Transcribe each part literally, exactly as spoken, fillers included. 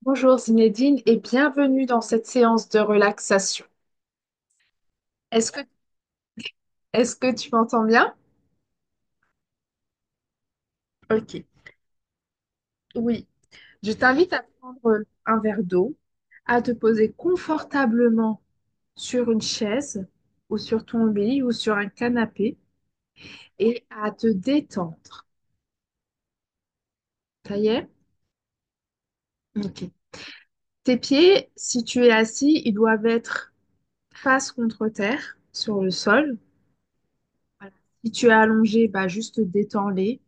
Bonjour Zinedine et bienvenue dans cette séance de relaxation. Est-ce que, est-ce que tu m'entends bien? Ok, oui. Je t'invite à prendre un verre d'eau, à te poser confortablement sur une chaise ou sur ton lit ou sur un canapé et à te détendre. Ça y est? Ok. Tes pieds, si tu es assis, ils doivent être face contre terre, sur le sol. Voilà. Si tu es allongé, bah juste détends-les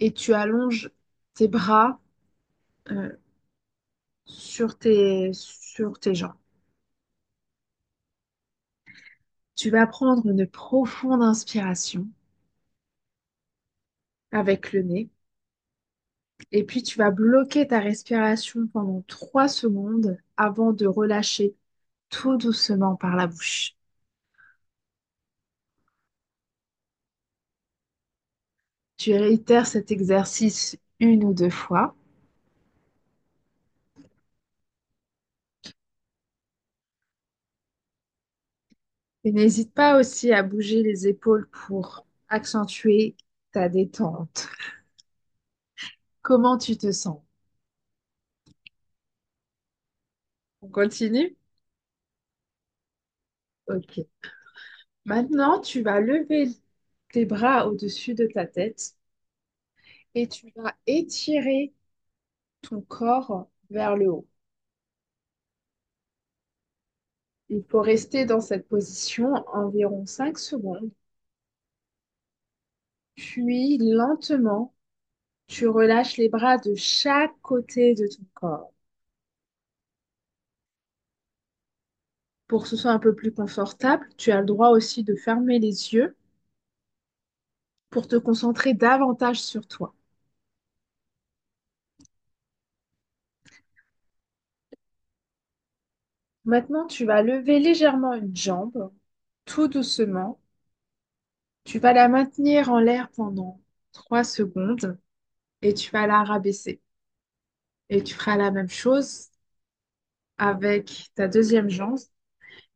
et tu allonges tes bras. euh, sur tes, sur tes jambes. Tu vas prendre une profonde inspiration avec le nez et puis tu vas bloquer ta respiration pendant trois secondes avant de relâcher tout doucement par la bouche. Tu réitères cet exercice une ou deux fois et n'hésite pas aussi à bouger les épaules pour accentuer ta détente. Comment tu te sens? On continue? Ok. Maintenant, tu vas lever tes bras au-dessus de ta tête et tu vas étirer ton corps vers le haut. Il faut rester dans cette position environ cinq secondes, puis lentement, tu relâches les bras de chaque côté de ton corps. Pour que ce soit un peu plus confortable, tu as le droit aussi de fermer les yeux pour te concentrer davantage sur toi. Maintenant, tu vas lever légèrement une jambe, tout doucement. Tu vas la maintenir en l'air pendant trois secondes et tu vas la rabaisser. Et tu feras la même chose avec ta deuxième jambe.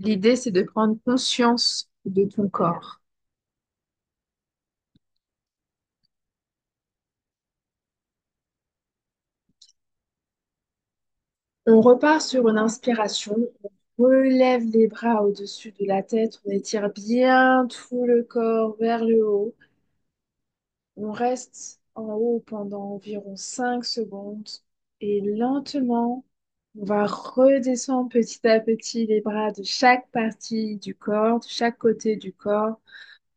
L'idée, c'est de prendre conscience de ton corps. On repart sur une inspiration. On relève les bras au-dessus de la tête. On étire bien tout le corps vers le haut. On reste en haut pendant environ cinq secondes. Et lentement, on va redescendre petit à petit les bras de chaque partie du corps, de chaque côté du corps,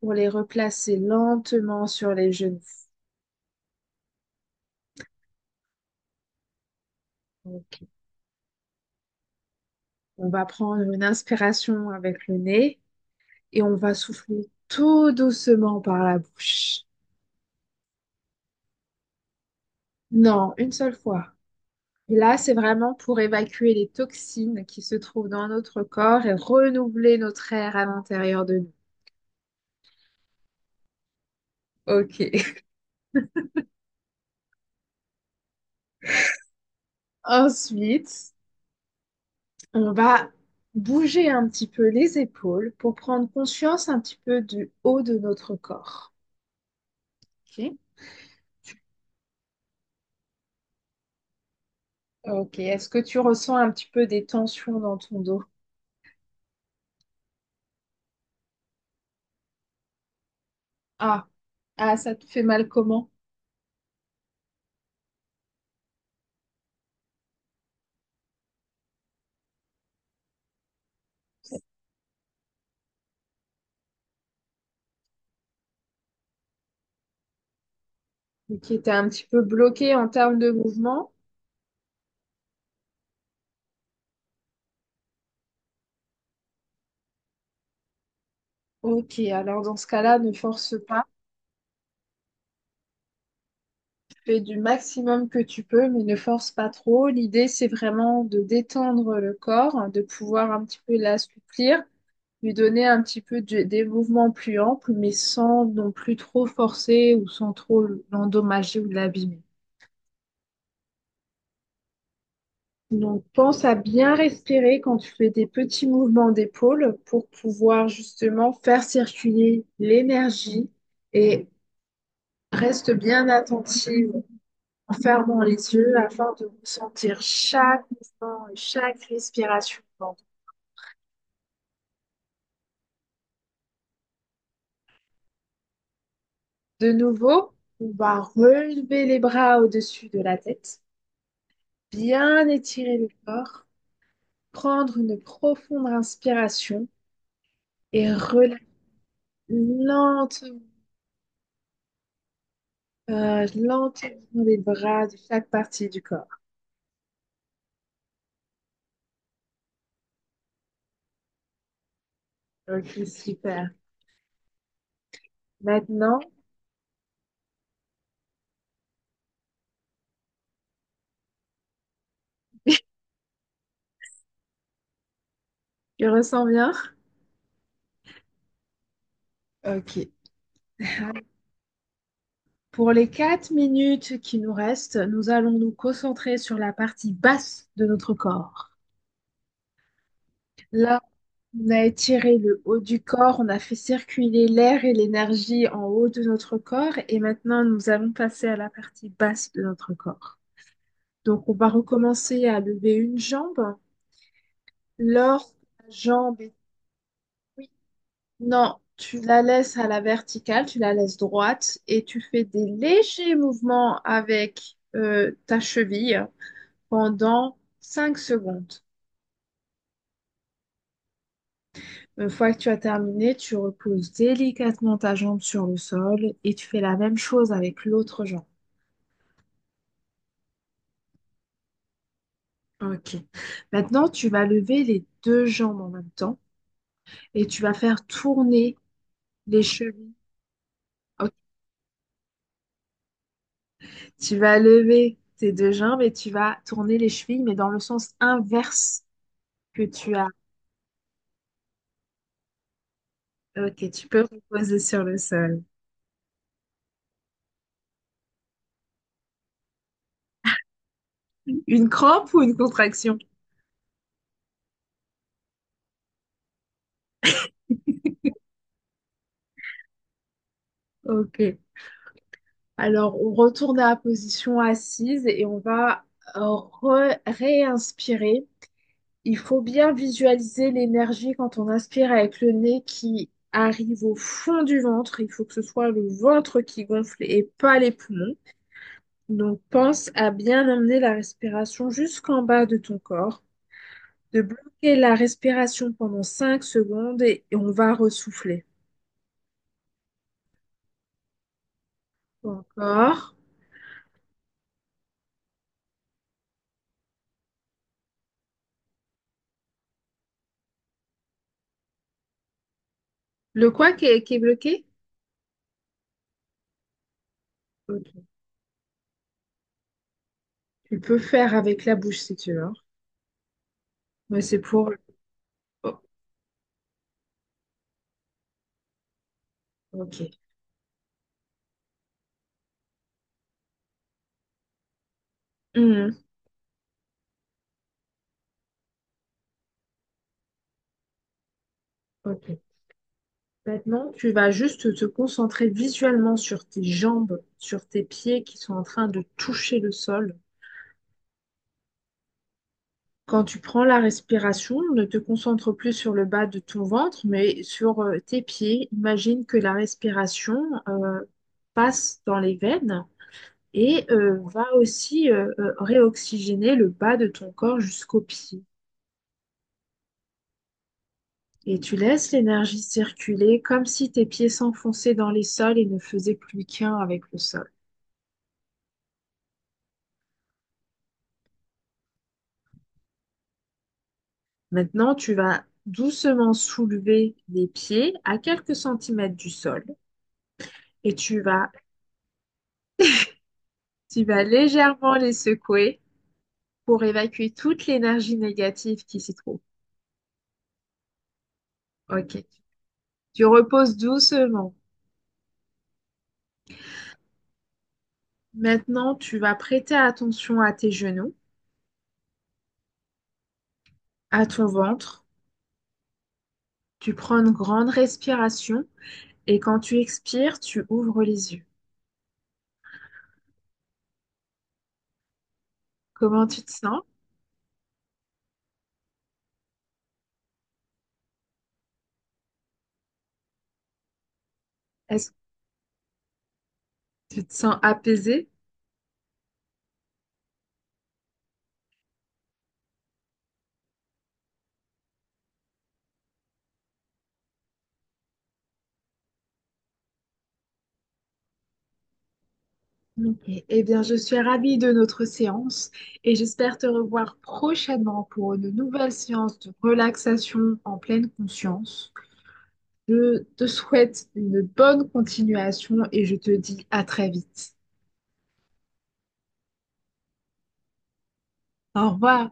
pour les replacer lentement sur les genoux. On On va prendre une inspiration avec le nez et on va souffler tout doucement par la bouche. Non, une seule fois. Et là, c'est vraiment pour évacuer les toxines qui se trouvent dans notre corps et renouveler notre air à l'intérieur de nous. Ok. Ensuite, on va bouger un petit peu les épaules pour prendre conscience un petit peu du haut de notre corps. Ok. Ok. Est-ce que tu ressens un petit peu des tensions dans ton dos? Ah, ah, ça te fait mal comment? Et qui était un petit peu bloqué en termes de mouvement. Ok, alors dans ce cas-là, ne force pas. Fais du maximum que tu peux, mais ne force pas trop. L'idée, c'est vraiment de détendre le corps, de pouvoir un petit peu l'assouplir, lui donner un petit peu de- des mouvements plus amples, mais sans non plus trop forcer ou sans trop l'endommager ou l'abîmer. Donc, pense à bien respirer quand tu fais des petits mouvements d'épaule pour pouvoir justement faire circuler l'énergie et reste bien attentive en fermant les yeux afin de ressentir chaque mouvement et chaque respiration. De nouveau, on va relever les bras au-dessus de la tête, bien étirer le corps, prendre une profonde inspiration et relâcher lentement, euh, lentement les bras de chaque partie du corps. Ok, super. Maintenant, tu ressens bien? Ok. Pour les quatre minutes qui nous restent, nous allons nous concentrer sur la partie basse de notre corps. Là, on a étiré le haut du corps, on a fait circuler l'air et l'énergie en haut de notre corps et maintenant nous allons passer à la partie basse de notre corps. Donc on va recommencer à lever une jambe. Lorsque la jambe est... oui, non, tu la laisses à la verticale, tu la laisses droite et tu fais des légers mouvements avec euh, ta cheville pendant cinq secondes. Une fois que tu as terminé, tu reposes délicatement ta jambe sur le sol et tu fais la même chose avec l'autre jambe. Ok. Maintenant, tu vas lever les deux jambes en même temps et tu vas faire tourner les chevilles. Ok. Tu vas lever tes deux jambes et tu vas tourner les chevilles, mais dans le sens inverse que tu as. Ok, tu peux reposer sur le sol. Une crampe ou une contraction? Ok. Alors, on retourne à la position assise et on va euh, re- réinspirer. Il faut bien visualiser l'énergie quand on inspire avec le nez qui arrive au fond du ventre. Il faut que ce soit le ventre qui gonfle et pas les poumons. Donc, pense à bien emmener la respiration jusqu'en bas de ton corps, de bloquer la respiration pendant cinq secondes et, et on va ressouffler. Encore. Le quoi qui est, qui est bloqué? Ok. Tu peux faire avec la bouche si tu veux. Mais c'est pour... oh, ok. Mhm. Ok. Maintenant, tu vas juste te concentrer visuellement sur tes jambes, sur tes pieds qui sont en train de toucher le sol. Quand tu prends la respiration, ne te concentre plus sur le bas de ton ventre, mais sur euh, tes pieds. Imagine que la respiration euh, passe dans les veines et euh, va aussi euh, euh, réoxygéner le bas de ton corps jusqu'aux pieds. Et tu laisses l'énergie circuler comme si tes pieds s'enfonçaient dans les sols et ne faisaient plus qu'un avec le sol. Maintenant, tu vas doucement soulever les pieds à quelques centimètres du sol et tu vas, tu vas légèrement les secouer pour évacuer toute l'énergie négative qui s'y trouve. Ok. Tu reposes doucement. Maintenant, tu vas prêter attention à tes genoux, à ton ventre. Tu prends une grande respiration et quand tu expires, tu ouvres les yeux. Comment tu te sens? Est-ce que tu te sens apaisée? Ok. Eh bien, je suis ravie de notre séance et j'espère te revoir prochainement pour une nouvelle séance de relaxation en pleine conscience. Je te souhaite une bonne continuation et je te dis à très vite. Au revoir.